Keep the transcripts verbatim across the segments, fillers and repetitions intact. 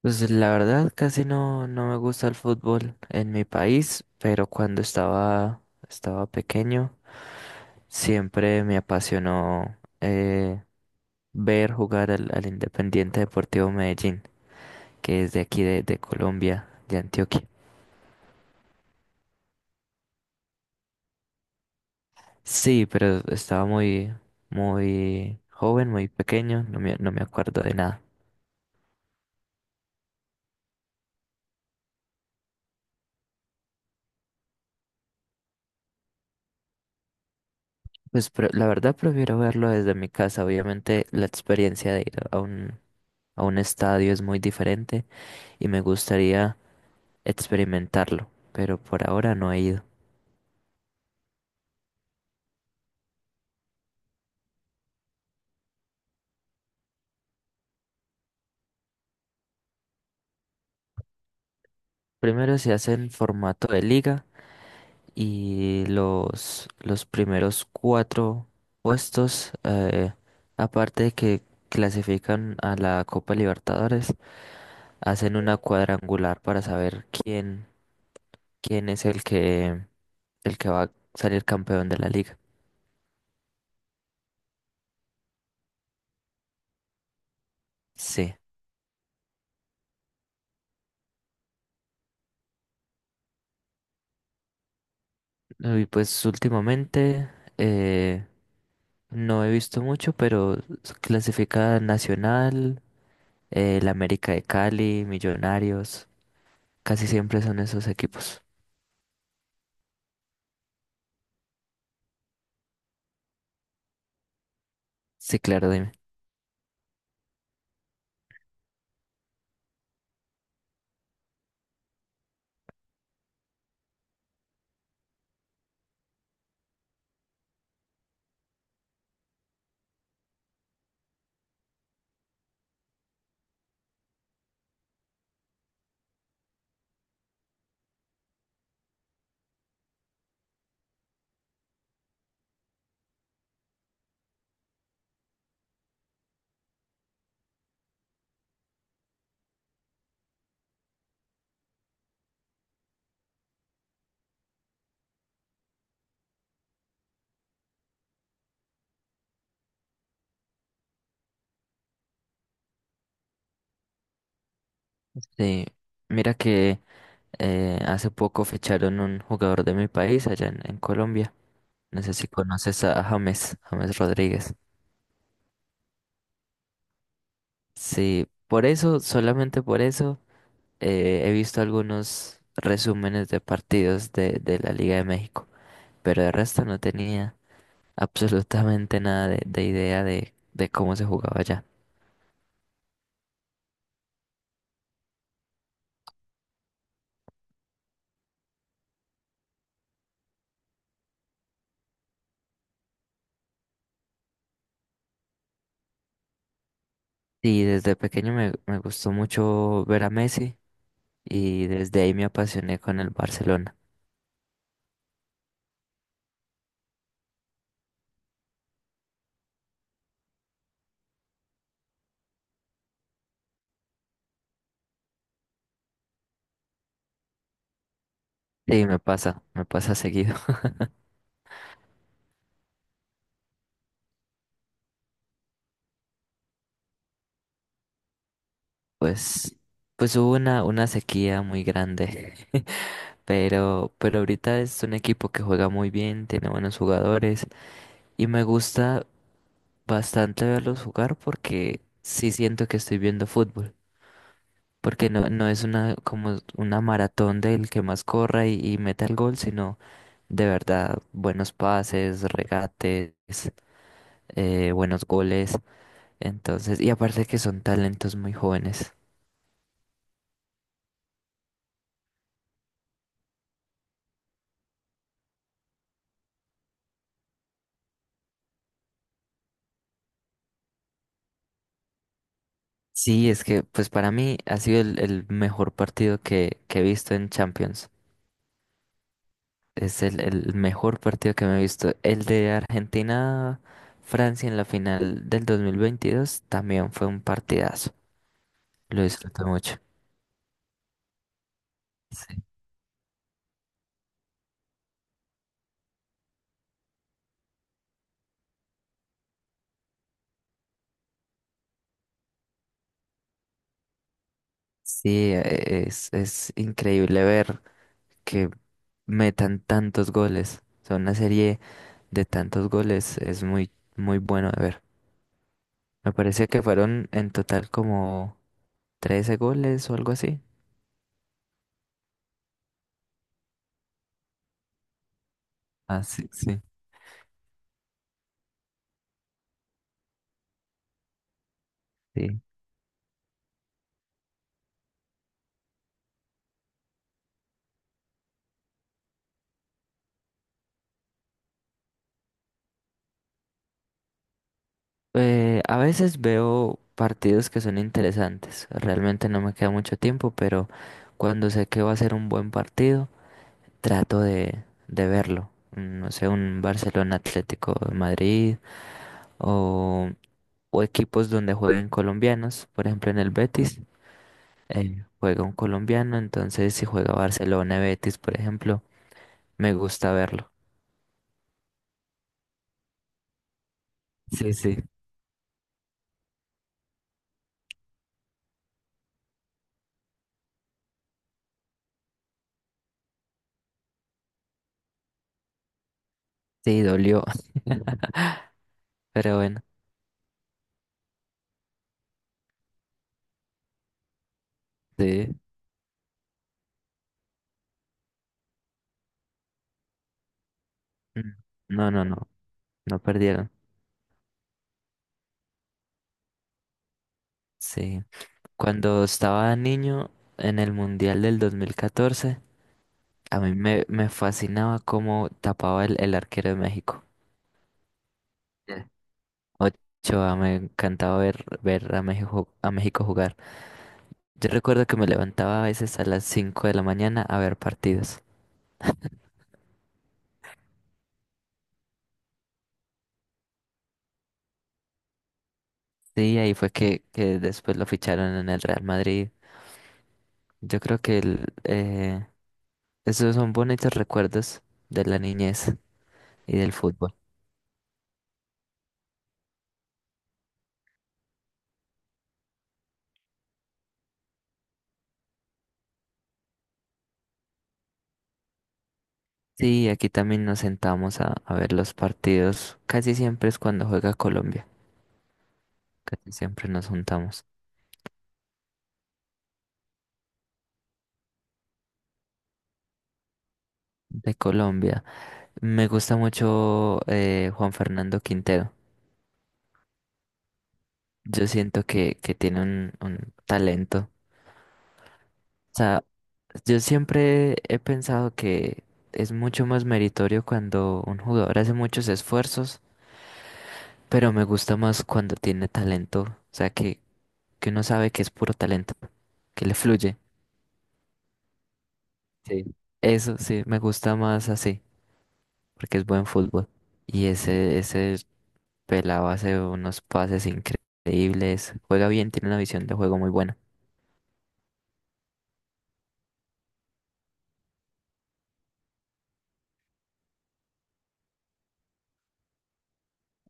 Pues la verdad casi no, no me gusta el fútbol en mi país, pero cuando estaba, estaba pequeño, siempre me apasionó eh, ver jugar al, al Independiente Deportivo Medellín, que es de aquí de, de Colombia, de Antioquia. Sí, pero estaba muy, muy joven, muy pequeño, no me, no me acuerdo de nada. Pues pre- la verdad prefiero verlo desde mi casa. Obviamente la experiencia de ir a un a un estadio es muy diferente y me gustaría experimentarlo, pero por ahora no he ido. Primero se hace en formato de liga y los, los primeros cuatro puestos, eh, aparte de que clasifican a la Copa Libertadores, hacen una cuadrangular para saber quién, quién es el que, el que va a salir campeón de la liga. Sí. Y pues últimamente eh, no he visto mucho, pero s- clasifica Nacional, eh, el América de Cali, Millonarios, casi siempre son esos equipos. Sí, claro, dime. Sí, mira que eh, hace poco ficharon un jugador de mi país allá en, en Colombia. No sé si conoces a James, James Rodríguez. Sí, por eso, solamente por eso, eh, he visto algunos resúmenes de partidos de, de la Liga de México, pero de resto no tenía absolutamente nada de, de idea de, de cómo se jugaba allá. Y desde pequeño me, me gustó mucho ver a Messi, y desde ahí me apasioné con el Barcelona. Sí, me pasa, me pasa seguido. Pues, pues hubo una, una sequía muy grande, pero, pero ahorita es un equipo que juega muy bien, tiene buenos jugadores y me gusta bastante verlos jugar porque sí siento que estoy viendo fútbol. Porque no, no es una como una maratón del que más corra y, y meta el gol, sino de verdad buenos pases, regates, eh, buenos goles. Entonces, y aparte que son talentos muy jóvenes. Sí, es que pues para mí ha sido el, el mejor partido que, que he visto en Champions. Es el, el mejor partido que me he visto. El de Argentina-Francia en la final del dos mil veintidós también fue un partidazo. Lo disfruté mucho. Sí, e- es, es increíble ver que metan tantos goles. O sea, una serie de tantos goles es muy, muy bueno de ver. Me parece que fueron en total como trece goles o algo así. Ah, sí, sí. Sí. Eh, a veces veo partidos que son interesantes. Realmente no me queda mucho tiempo, pero cuando sé que va a ser un buen partido, trato de, de verlo. Mm, No sé, un Barcelona Atlético de Madrid o, o equipos donde jueguen colombianos. Por ejemplo, en el Betis eh, juega un colombiano. Entonces, si juega Barcelona Betis, por ejemplo, me gusta verlo. Sí, sí, sí, dolió. Pero bueno, sí. Mm. No, no, no, no perdieron. Sí. Cuando estaba niño, en el Mundial del dos mil catorce, a mí me, me fascinaba cómo tapaba el, el arquero de México. Eh. Ochoa, me encantaba ver, ver a México, a México jugar. Yo recuerdo que me levantaba a veces a las cinco de la mañana a ver partidos. Sí, ahí fue que, que después lo ficharon en el Real Madrid. Yo creo que el, eh, esos son bonitos recuerdos de la niñez y del fútbol. Sí, aquí también nos sentamos a, a ver los partidos. Casi siempre es cuando juega Colombia. Casi siempre nos juntamos de Colombia. Me gusta mucho eh, Juan Fernando Quintero. Yo siento que, que tiene un, un talento. O sea, yo siempre he pensado que es mucho más meritorio cuando un jugador hace muchos esfuerzos, pero me gusta más cuando tiene talento. O sea, que, que uno sabe que es puro talento, que le fluye. Sí. Eso sí, me gusta más así, porque es buen fútbol. Y ese, ese Pelado hace unos pases increíbles. Juega bien, tiene una visión de juego muy buena.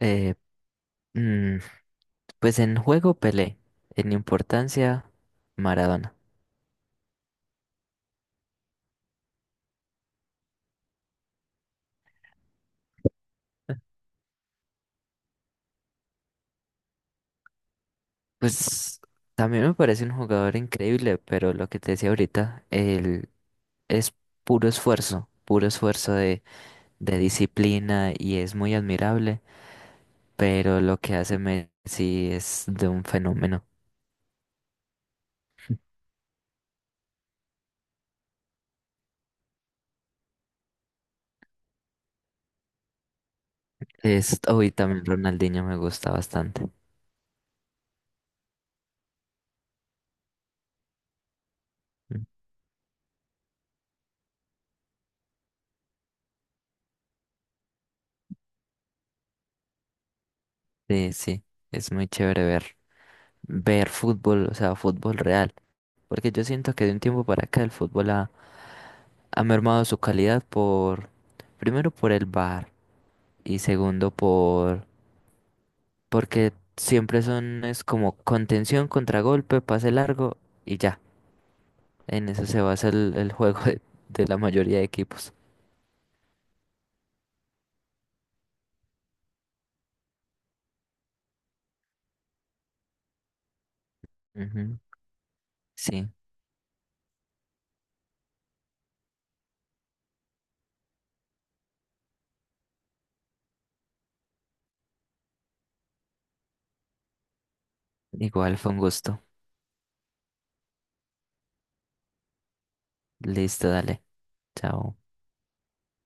Eh, mm, pues en juego Pelé, en importancia Maradona. Pues también me parece un jugador increíble, pero lo que te decía ahorita, él es puro esfuerzo, puro esfuerzo de, de disciplina, y es muy admirable, pero lo que hace Messi es de un fenómeno. Es, hoy también Ronaldinho me gusta bastante. Mm. Sí, sí, es muy chévere ver, ver fútbol, o sea, fútbol real. Porque yo siento que de un tiempo para acá el fútbol ha, ha mermado su calidad por, primero por el bar, y segundo por, porque siempre son, es como contención, contragolpe, pase largo y ya. En eso se basa el, el juego de, de la mayoría de equipos. Ujú. Sí, igual fue un gusto. Listo, dale. Chao.